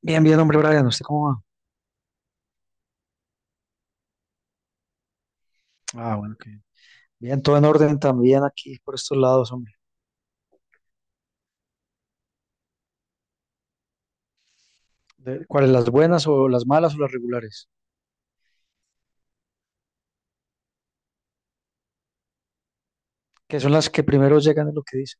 Bien, bien, hombre, Brian, ¿usted cómo va? Ah, bueno. que Bien, todo en orden también aquí por estos lados, hombre. ¿Cuáles, las buenas o las malas o las regulares? Que son las que primero llegan, es lo que dice.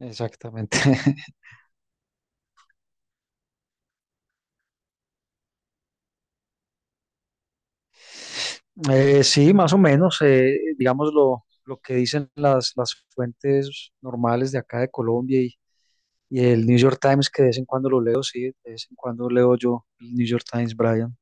Exactamente. Sí, más o menos. Digamos lo que dicen las fuentes normales de acá de Colombia y el New York Times, que de vez en cuando lo leo, sí, de vez en cuando leo yo el New York Times, Brian.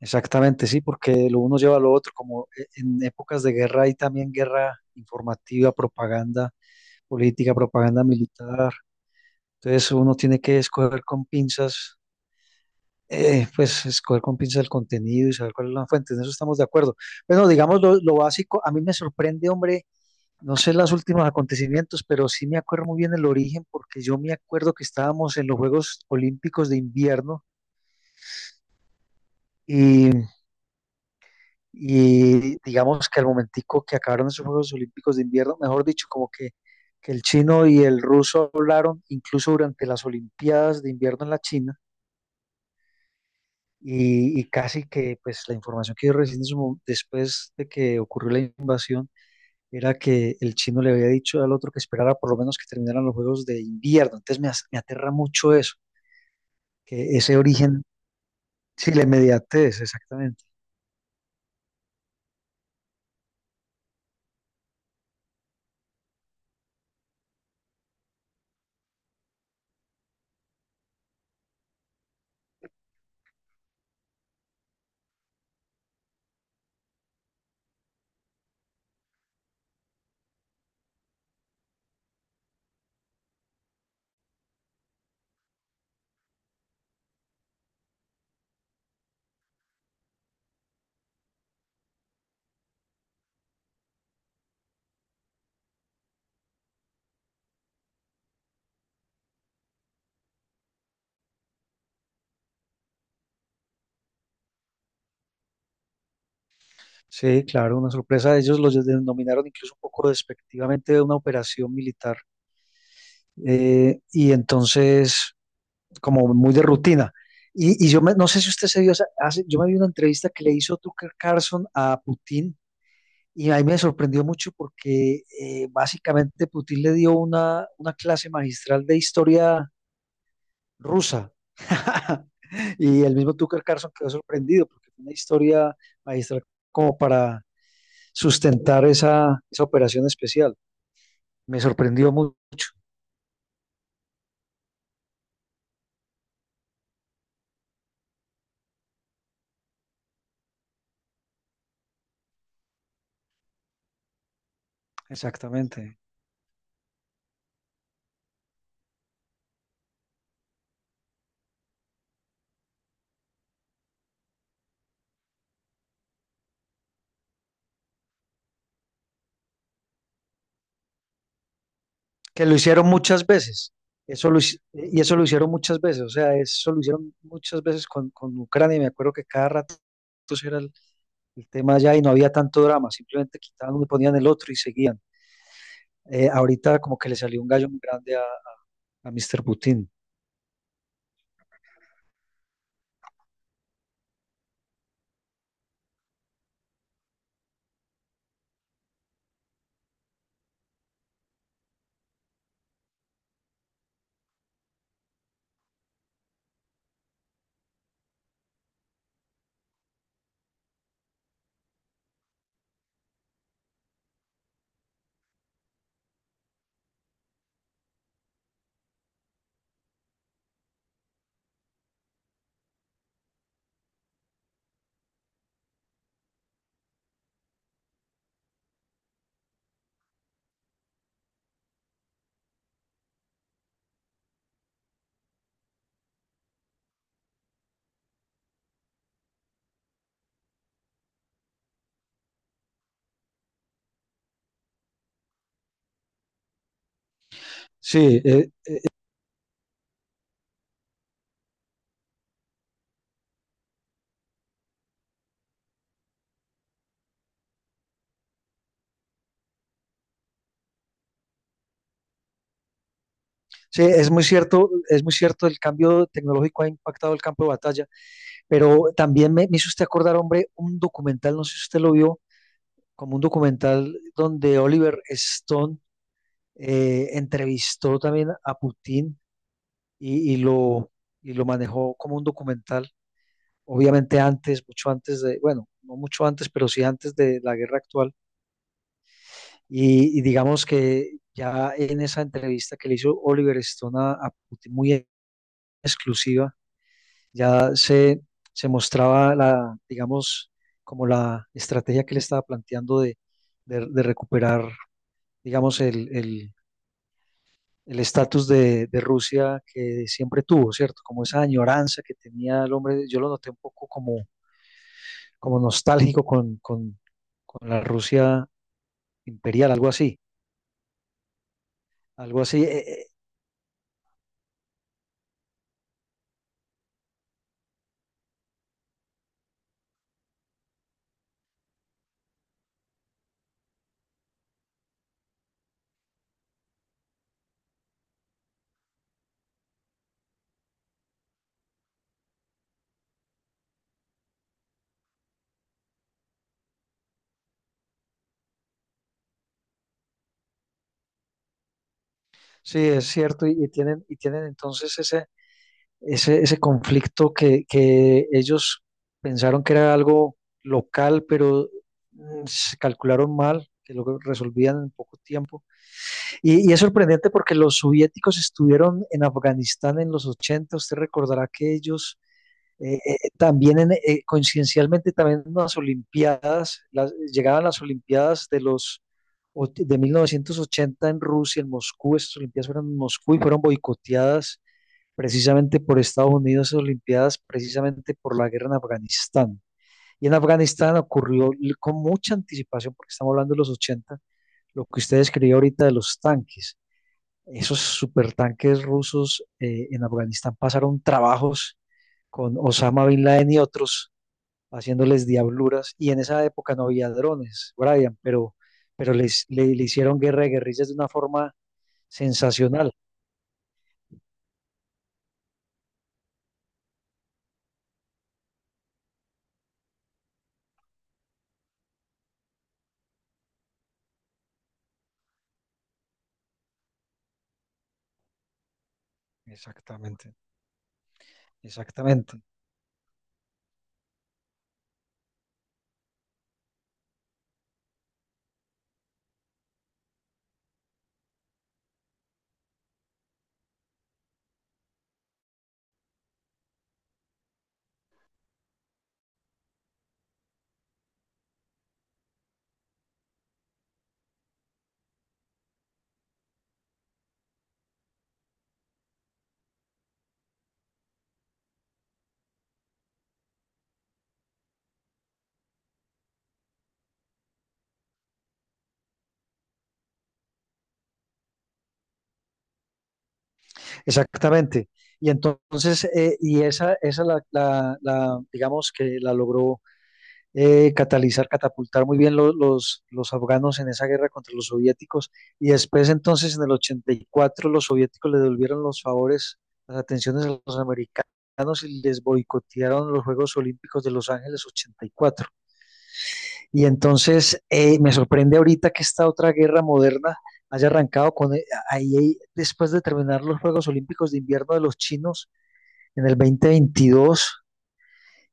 Exactamente, sí, porque lo uno lleva a lo otro, como en épocas de guerra hay también guerra informativa, propaganda política, propaganda militar. Entonces uno tiene que escoger con pinzas, pues escoger con pinzas el contenido y saber cuál es la fuente. En eso estamos de acuerdo. Bueno, digamos lo básico. A mí me sorprende, hombre, no sé los últimos acontecimientos, pero sí me acuerdo muy bien el origen, porque yo me acuerdo que estábamos en los Juegos Olímpicos de invierno. y Y digamos que al momentico que acabaron esos Juegos Olímpicos de invierno, mejor dicho, como que el chino y el ruso hablaron incluso durante las Olimpiadas de invierno en la China, y casi que pues la información que yo recibí en su después de que ocurrió la invasión era que el chino le había dicho al otro que esperara por lo menos que terminaran los Juegos de invierno. Entonces, me aterra mucho eso, que ese origen. Sí, la inmediatez, exactamente. Sí, claro, una sorpresa. Ellos los denominaron incluso un poco despectivamente de una operación militar. Y entonces, como muy de rutina. Y yo no sé si usted se vio, yo me vi una entrevista que le hizo Tucker Carlson a Putin, y ahí me sorprendió mucho porque, básicamente, Putin le dio una clase magistral de historia rusa. Y el mismo Tucker Carlson quedó sorprendido porque fue una historia magistral como para sustentar esa operación especial. Me sorprendió mucho, exactamente. Que lo hicieron muchas veces. Eso y eso lo hicieron muchas veces, o sea, eso lo hicieron muchas veces con Ucrania. Y me acuerdo que cada rato era el tema allá, y no había tanto drama, simplemente quitaban uno y ponían el otro y seguían. Ahorita como que le salió un gallo muy grande a Mr. Putin. Sí, sí, es muy cierto, el cambio tecnológico ha impactado el campo de batalla. Pero también me hizo usted acordar, hombre, un documental, no sé si usted lo vio, como un documental donde Oliver Stone, entrevistó también a Putin y, y lo, y lo manejó como un documental, obviamente antes, mucho antes de, bueno, no mucho antes, pero sí antes de la guerra actual. Y digamos que ya en esa entrevista que le hizo Oliver Stone a Putin, muy exclusiva, ya se mostraba la, digamos, como la estrategia que él estaba planteando de recuperar, digamos, el estatus de Rusia que siempre tuvo, ¿cierto? Como esa añoranza que tenía el hombre, yo lo noté un poco como nostálgico con la Rusia imperial, algo así, algo así. Sí, es cierto, y tienen entonces ese conflicto que ellos pensaron que era algo local, pero se calcularon mal, que lo resolvían en poco tiempo. Y es sorprendente porque los soviéticos estuvieron en Afganistán en los 80. Usted recordará que ellos... también coincidencialmente también en las Olimpiadas, llegaban las Olimpiadas de los de 1980 en Rusia, en Moscú. Estas Olimpiadas fueron en Moscú y fueron boicoteadas precisamente por Estados Unidos en las Olimpiadas, precisamente por la guerra en Afganistán. Y en Afganistán ocurrió con mucha anticipación, porque estamos hablando de los 80, lo que usted describió ahorita de los tanques. Esos supertanques rusos, en Afganistán, pasaron trabajos con Osama Bin Laden y otros, haciéndoles diabluras. Y en esa época no había drones, Brian, pero le hicieron guerra de guerrillas de una forma sensacional. Exactamente, exactamente. Exactamente. Y entonces, y esa, digamos que la logró catalizar, catapultar muy bien los afganos en esa guerra contra los soviéticos. Y después, entonces, en el 84, los soviéticos le devolvieron los favores, las atenciones a los americanos, y les boicotearon los Juegos Olímpicos de Los Ángeles 84. Y entonces, me sorprende ahorita que esta otra guerra moderna haya arrancado con ahí, después de terminar los Juegos Olímpicos de Invierno de los chinos en el 2022,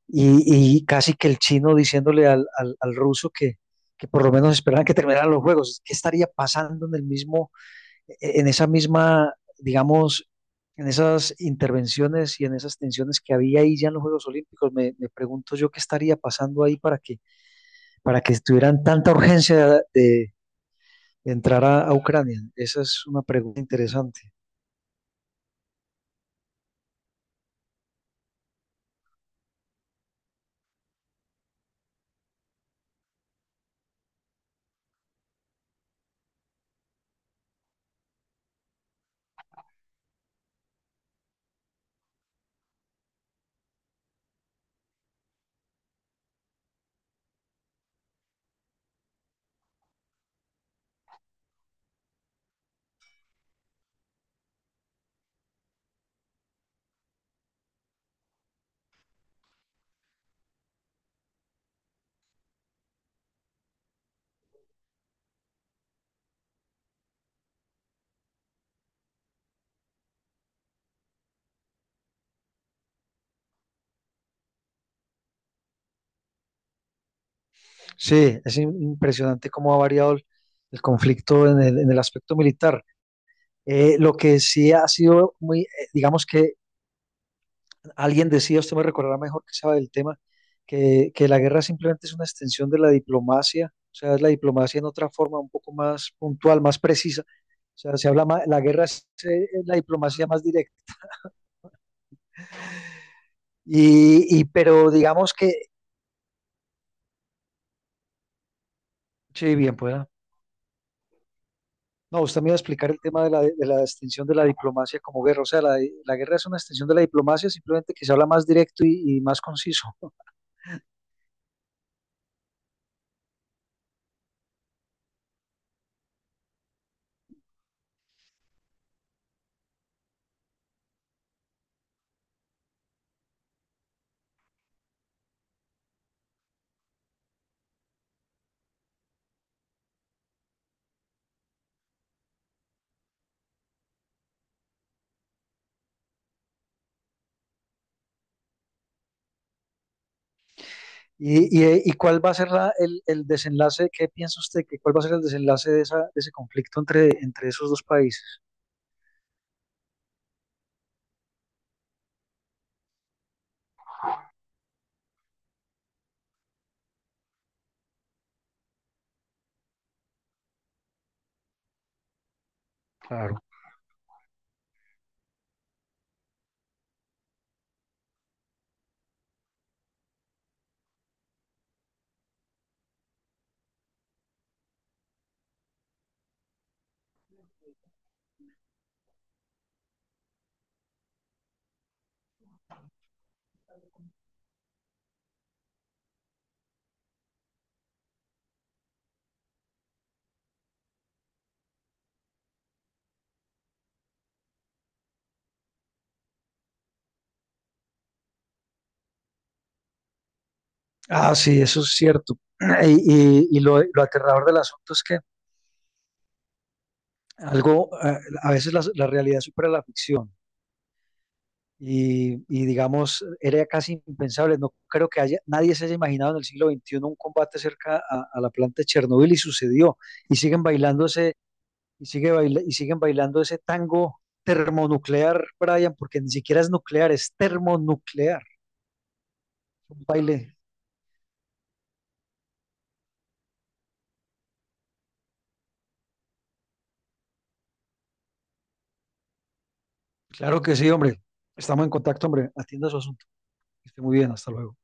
y casi que el chino diciéndole al ruso que por lo menos esperaban que terminaran los juegos. ¿Qué estaría pasando en el mismo, en esa misma, digamos, en esas intervenciones y en esas tensiones que había ahí ya en los Juegos Olímpicos? Me pregunto yo qué estaría pasando ahí para que tuvieran tanta urgencia de, de entrar Ucrania. Esa es una pregunta interesante. Sí, es impresionante cómo ha variado el conflicto en el aspecto militar. Lo que sí ha sido muy, digamos que alguien decía, usted me recordará mejor que sabe del tema, que la guerra simplemente es una extensión de la diplomacia, o sea, es la diplomacia en otra forma un poco más puntual, más precisa. O sea, se habla más, la guerra es, la diplomacia más directa. Pero digamos que. Sí, bien pueda. No, usted me iba a explicar el tema de la extinción de la diplomacia como guerra. O sea, la guerra es una extinción de la diplomacia, simplemente que se habla más directo y más conciso. ¿Y cuál va a ser el desenlace? ¿Qué piensa usted, que cuál va a ser el desenlace de ese conflicto entre esos dos países? Claro. Ah, sí, eso es cierto. Y lo aterrador del asunto es que algo, eh, a veces la realidad supera la ficción. Digamos, era casi impensable. No creo que nadie se haya imaginado en el siglo XXI un combate cerca a la planta de Chernobyl, y sucedió. Y siguen bailando ese y siguen bailando ese tango termonuclear, Brian, porque ni siquiera es nuclear, es termonuclear. Un baile. Claro que sí, hombre. Estamos en contacto, hombre. Atienda su asunto. Que esté muy bien. Hasta luego.